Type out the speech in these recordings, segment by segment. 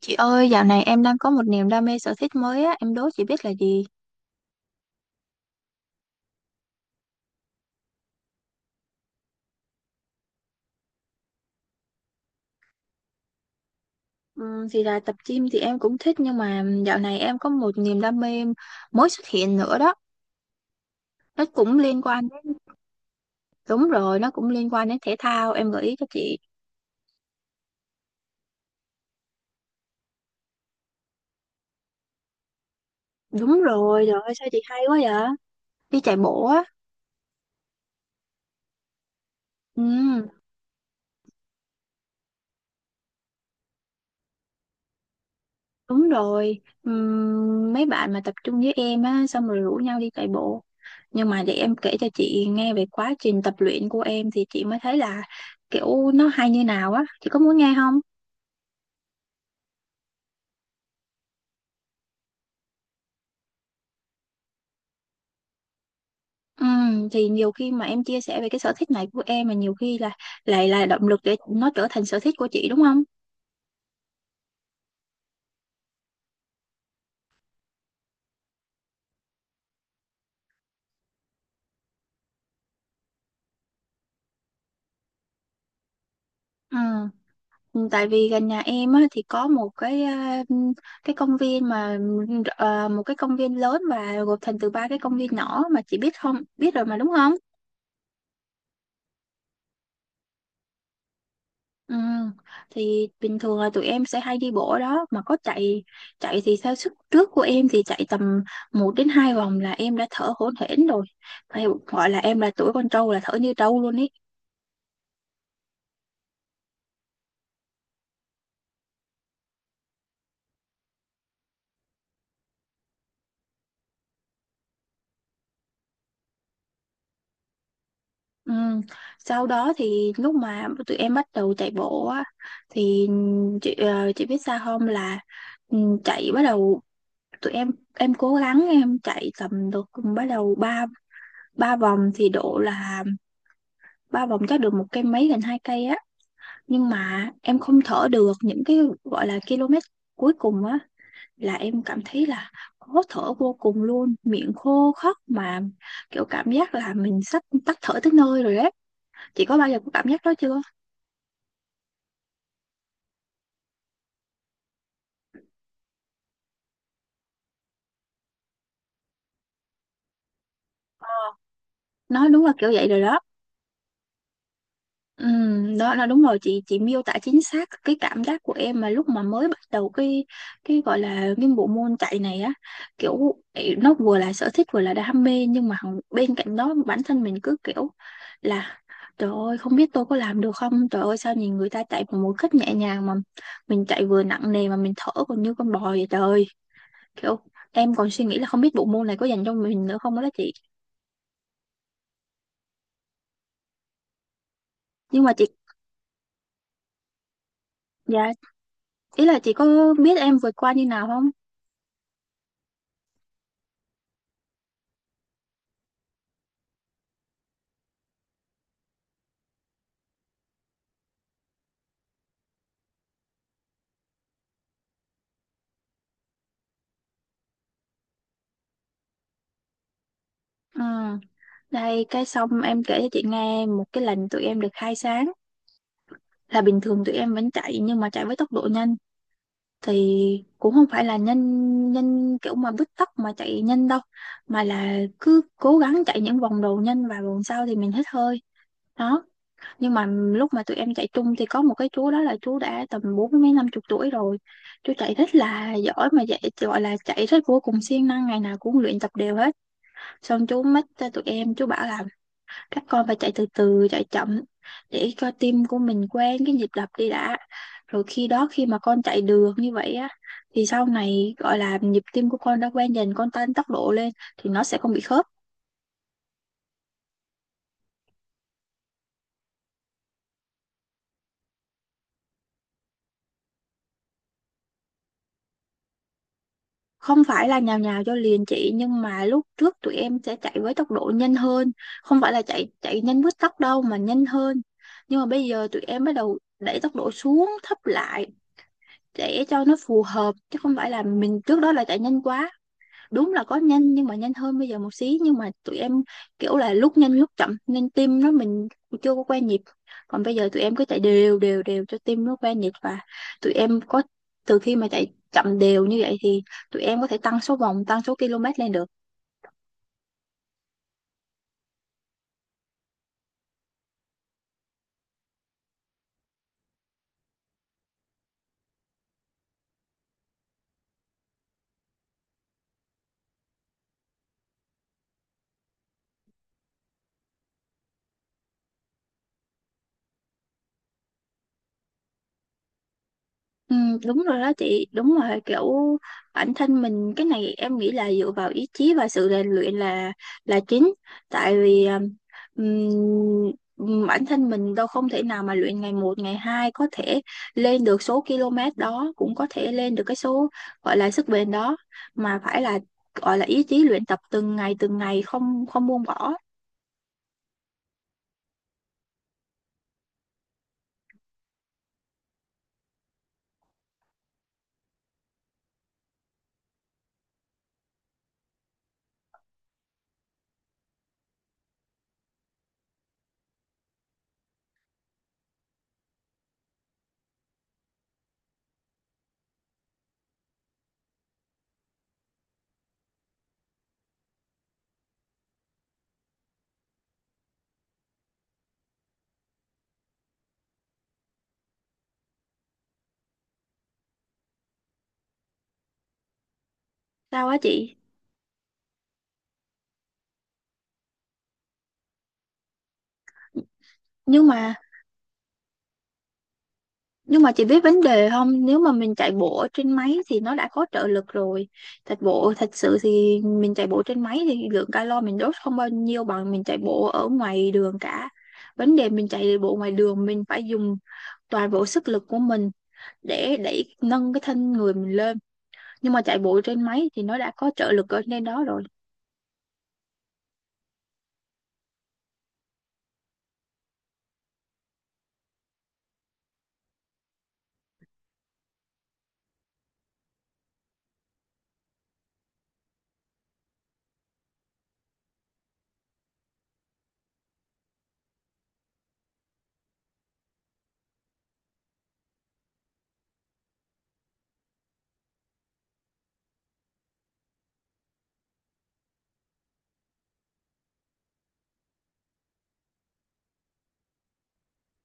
Chị ơi, dạo này em đang có một niềm đam mê sở thích mới á, em đố chị biết là gì? Thì là tập gym thì em cũng thích nhưng mà dạo này em có một niềm đam mê mới xuất hiện nữa đó. Nó cũng liên quan đến, đúng rồi, nó cũng liên quan đến thể thao, em gợi ý cho chị. Đúng rồi, trời ơi sao chị hay quá vậy? Đi chạy bộ á. Ừ. Đúng rồi. Mấy bạn mà tập trung với em á, xong rồi rủ nhau đi chạy bộ. Nhưng mà để em kể cho chị nghe về quá trình tập luyện của em thì chị mới thấy là kiểu nó hay như nào á. Chị có muốn nghe không? Thì nhiều khi mà em chia sẻ về cái sở thích này của em mà nhiều khi là lại là động lực để nó trở thành sở thích của chị đúng không? Ừ. Tại vì gần nhà em á, thì có một cái, cái công viên mà, một cái công viên lớn và gộp thành từ ba cái công viên nhỏ mà chị biết không, biết rồi mà đúng không? Ừ, thì bình thường là tụi em sẽ hay đi bộ ở đó mà có chạy. Thì theo sức trước của em thì chạy tầm một đến 2 vòng là em đã thở hổn hển rồi, phải gọi là em là tuổi con trâu là thở như trâu luôn ý. Ừ. Sau đó thì lúc mà tụi em bắt đầu chạy bộ á thì chị, chị biết sao không là, ừ, chạy bắt đầu, tụi em cố gắng em chạy tầm được, bắt đầu ba ba vòng thì độ là ba vòng chắc được một cây mấy, gần hai cây á, nhưng mà em không thở được những cái gọi là km cuối cùng á, là em cảm thấy là khó thở vô cùng luôn, miệng khô khóc mà kiểu cảm giác là mình sắp tắt thở tới nơi rồi đấy. Chị có bao giờ có cảm giác đó chưa? Nói đúng là kiểu vậy rồi đó. Ừ, đó là đúng rồi. Chị miêu tả chính xác cái cảm giác của em mà lúc mà mới bắt đầu cái gọi là cái bộ môn chạy này á, kiểu ấy, nó vừa là sở thích vừa là đam mê nhưng mà bên cạnh đó bản thân mình cứ kiểu là trời ơi không biết tôi có làm được không, trời ơi sao nhìn người ta chạy bằng một cách nhẹ nhàng mà mình chạy vừa nặng nề mà mình thở còn như con bò vậy trời ơi. Kiểu em còn suy nghĩ là không biết bộ môn này có dành cho mình nữa không đó chị. Nhưng mà chị, dạ, ý là chị có biết em vượt qua như nào không? Ừ. Đây, cái xong em kể cho chị nghe một cái lần tụi em được khai sáng là bình thường tụi em vẫn chạy nhưng mà chạy với tốc độ nhanh thì cũng không phải là nhanh nhanh kiểu mà bứt tốc mà chạy nhanh đâu, mà là cứ cố gắng chạy những vòng đầu nhanh và vòng sau thì mình hít hơi đó. Nhưng mà lúc mà tụi em chạy chung thì có một cái chú đó, là chú đã tầm bốn mấy năm chục tuổi rồi, chú chạy rất là giỏi mà dạy, gọi là chạy rất vô cùng siêng năng, ngày nào cũng luyện tập đều hết. Xong chú mách cho tụi em, chú bảo là các con phải chạy từ từ, chạy chậm để cho tim của mình quen cái nhịp đập đi đã, rồi khi đó khi mà con chạy được như vậy á thì sau này gọi là nhịp tim của con đã quen dần, con tăng tốc độ lên thì nó sẽ không bị khớp. Không phải là nhào nhào cho liền chị, nhưng mà lúc trước tụi em sẽ chạy với tốc độ nhanh hơn, không phải là chạy chạy nhanh với tốc đâu mà nhanh hơn, nhưng mà bây giờ tụi em bắt đầu đẩy tốc độ xuống thấp lại để cho nó phù hợp chứ không phải là mình trước đó là chạy nhanh quá. Đúng là có nhanh nhưng mà nhanh hơn bây giờ một xí, nhưng mà tụi em kiểu là lúc nhanh lúc chậm nên tim nó mình chưa có quen nhịp. Còn bây giờ tụi em cứ chạy đều đều đều cho tim nó quen nhịp và tụi em có, từ khi mà chạy chậm đều như vậy thì tụi em có thể tăng số vòng, tăng số km lên được. Ừ, đúng rồi đó chị, đúng rồi kiểu bản thân mình, cái này em nghĩ là dựa vào ý chí và sự rèn luyện là chính. Tại vì ừm, bản thân mình đâu không thể nào mà luyện ngày một ngày hai có thể lên được số km đó, cũng có thể lên được cái số gọi là sức bền đó, mà phải là gọi là ý chí luyện tập từng ngày từng ngày, không không buông bỏ. Sao á chị? nhưng mà Nhưng mà chị biết vấn đề không? Nếu mà mình chạy bộ ở trên máy thì nó đã có trợ lực rồi. Thật sự thì mình chạy bộ trên máy thì lượng calo mình đốt không bao nhiêu bằng mình chạy bộ ở ngoài đường cả. Vấn đề mình chạy bộ ngoài đường mình phải dùng toàn bộ sức lực của mình để đẩy nâng cái thân người mình lên. Nhưng mà chạy bộ trên máy thì nó đã có trợ lực ở trên đó rồi.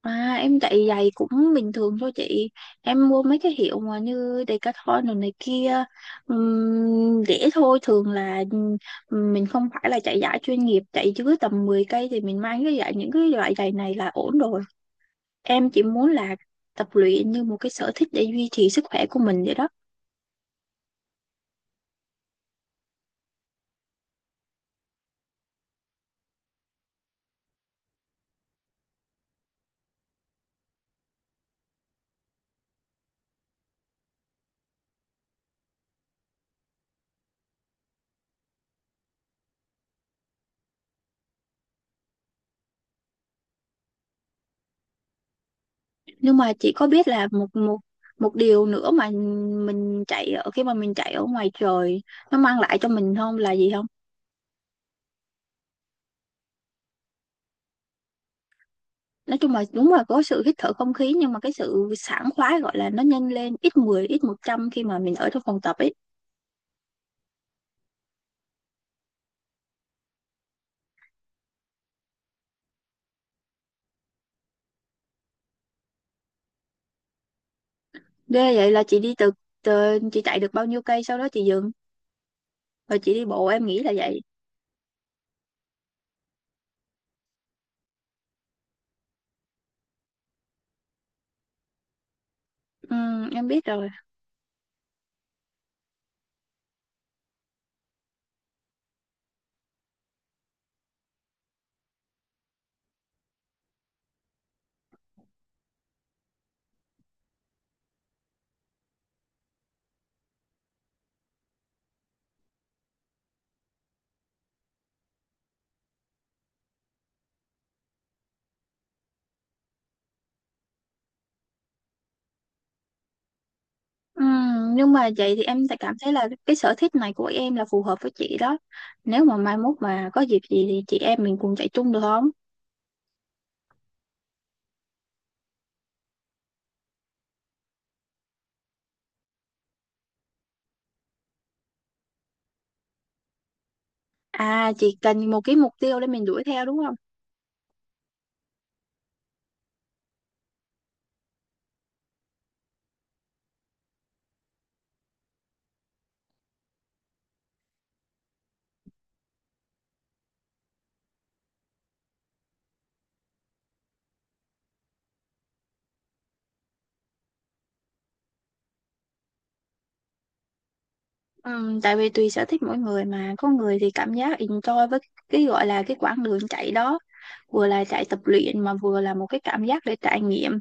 À, em chạy giày cũng bình thường thôi chị. Em mua mấy cái hiệu mà như Decathlon rồi này kia, rẻ thôi. Thường là mình không phải là chạy giải chuyên nghiệp, chạy dưới tầm 10 cây thì mình mang cái giày, những cái loại giày này là ổn rồi. Em chỉ muốn là tập luyện như một cái sở thích để duy trì sức khỏe của mình vậy đó. Nhưng mà chị có biết là một một một điều nữa mà mình chạy ở khi mà mình chạy ở ngoài trời nó mang lại cho mình không là gì? Nói chung là đúng là có sự hít thở không khí, nhưng mà cái sự sảng khoái gọi là nó nhân lên ít 10 ít 100 khi mà mình ở trong phòng tập ấy. Ghê vậy là chị đi từ, từ chị chạy được bao nhiêu cây sau đó chị dừng rồi chị đi bộ em nghĩ là vậy. Ừ, em biết rồi. Ừ, nhưng mà vậy thì em tại cảm thấy là cái sở thích này của em là phù hợp với chị đó, nếu mà mai mốt mà có dịp gì thì chị em mình cùng chạy chung được không? À chị cần một cái mục tiêu để mình đuổi theo đúng không? Tại vì tùy sở thích mỗi người mà có người thì cảm giác enjoy với cái gọi là cái quãng đường chạy đó, vừa là chạy tập luyện mà vừa là một cái cảm giác để trải nghiệm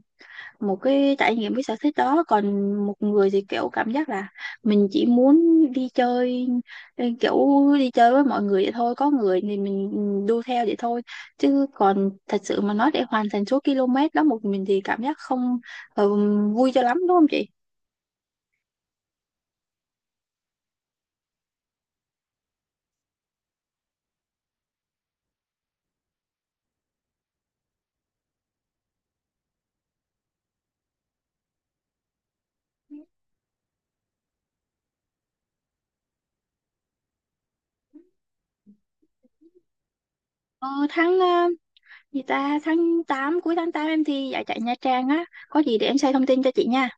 một cái trải nghiệm cái sở thích đó. Còn một người thì kiểu cảm giác là mình chỉ muốn đi chơi, kiểu đi chơi với mọi người vậy thôi. Có người thì mình ừ, đu theo vậy thôi, chứ còn thật sự mà nói để hoàn thành số km đó một mình thì cảm giác không ờ, vui cho lắm đúng không chị? Ờ, tháng gì ta, tháng 8, cuối tháng 8 em thi giải chạy Nha Trang á, có gì để em share thông tin cho chị nha.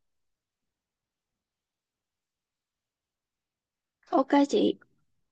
Ok chị.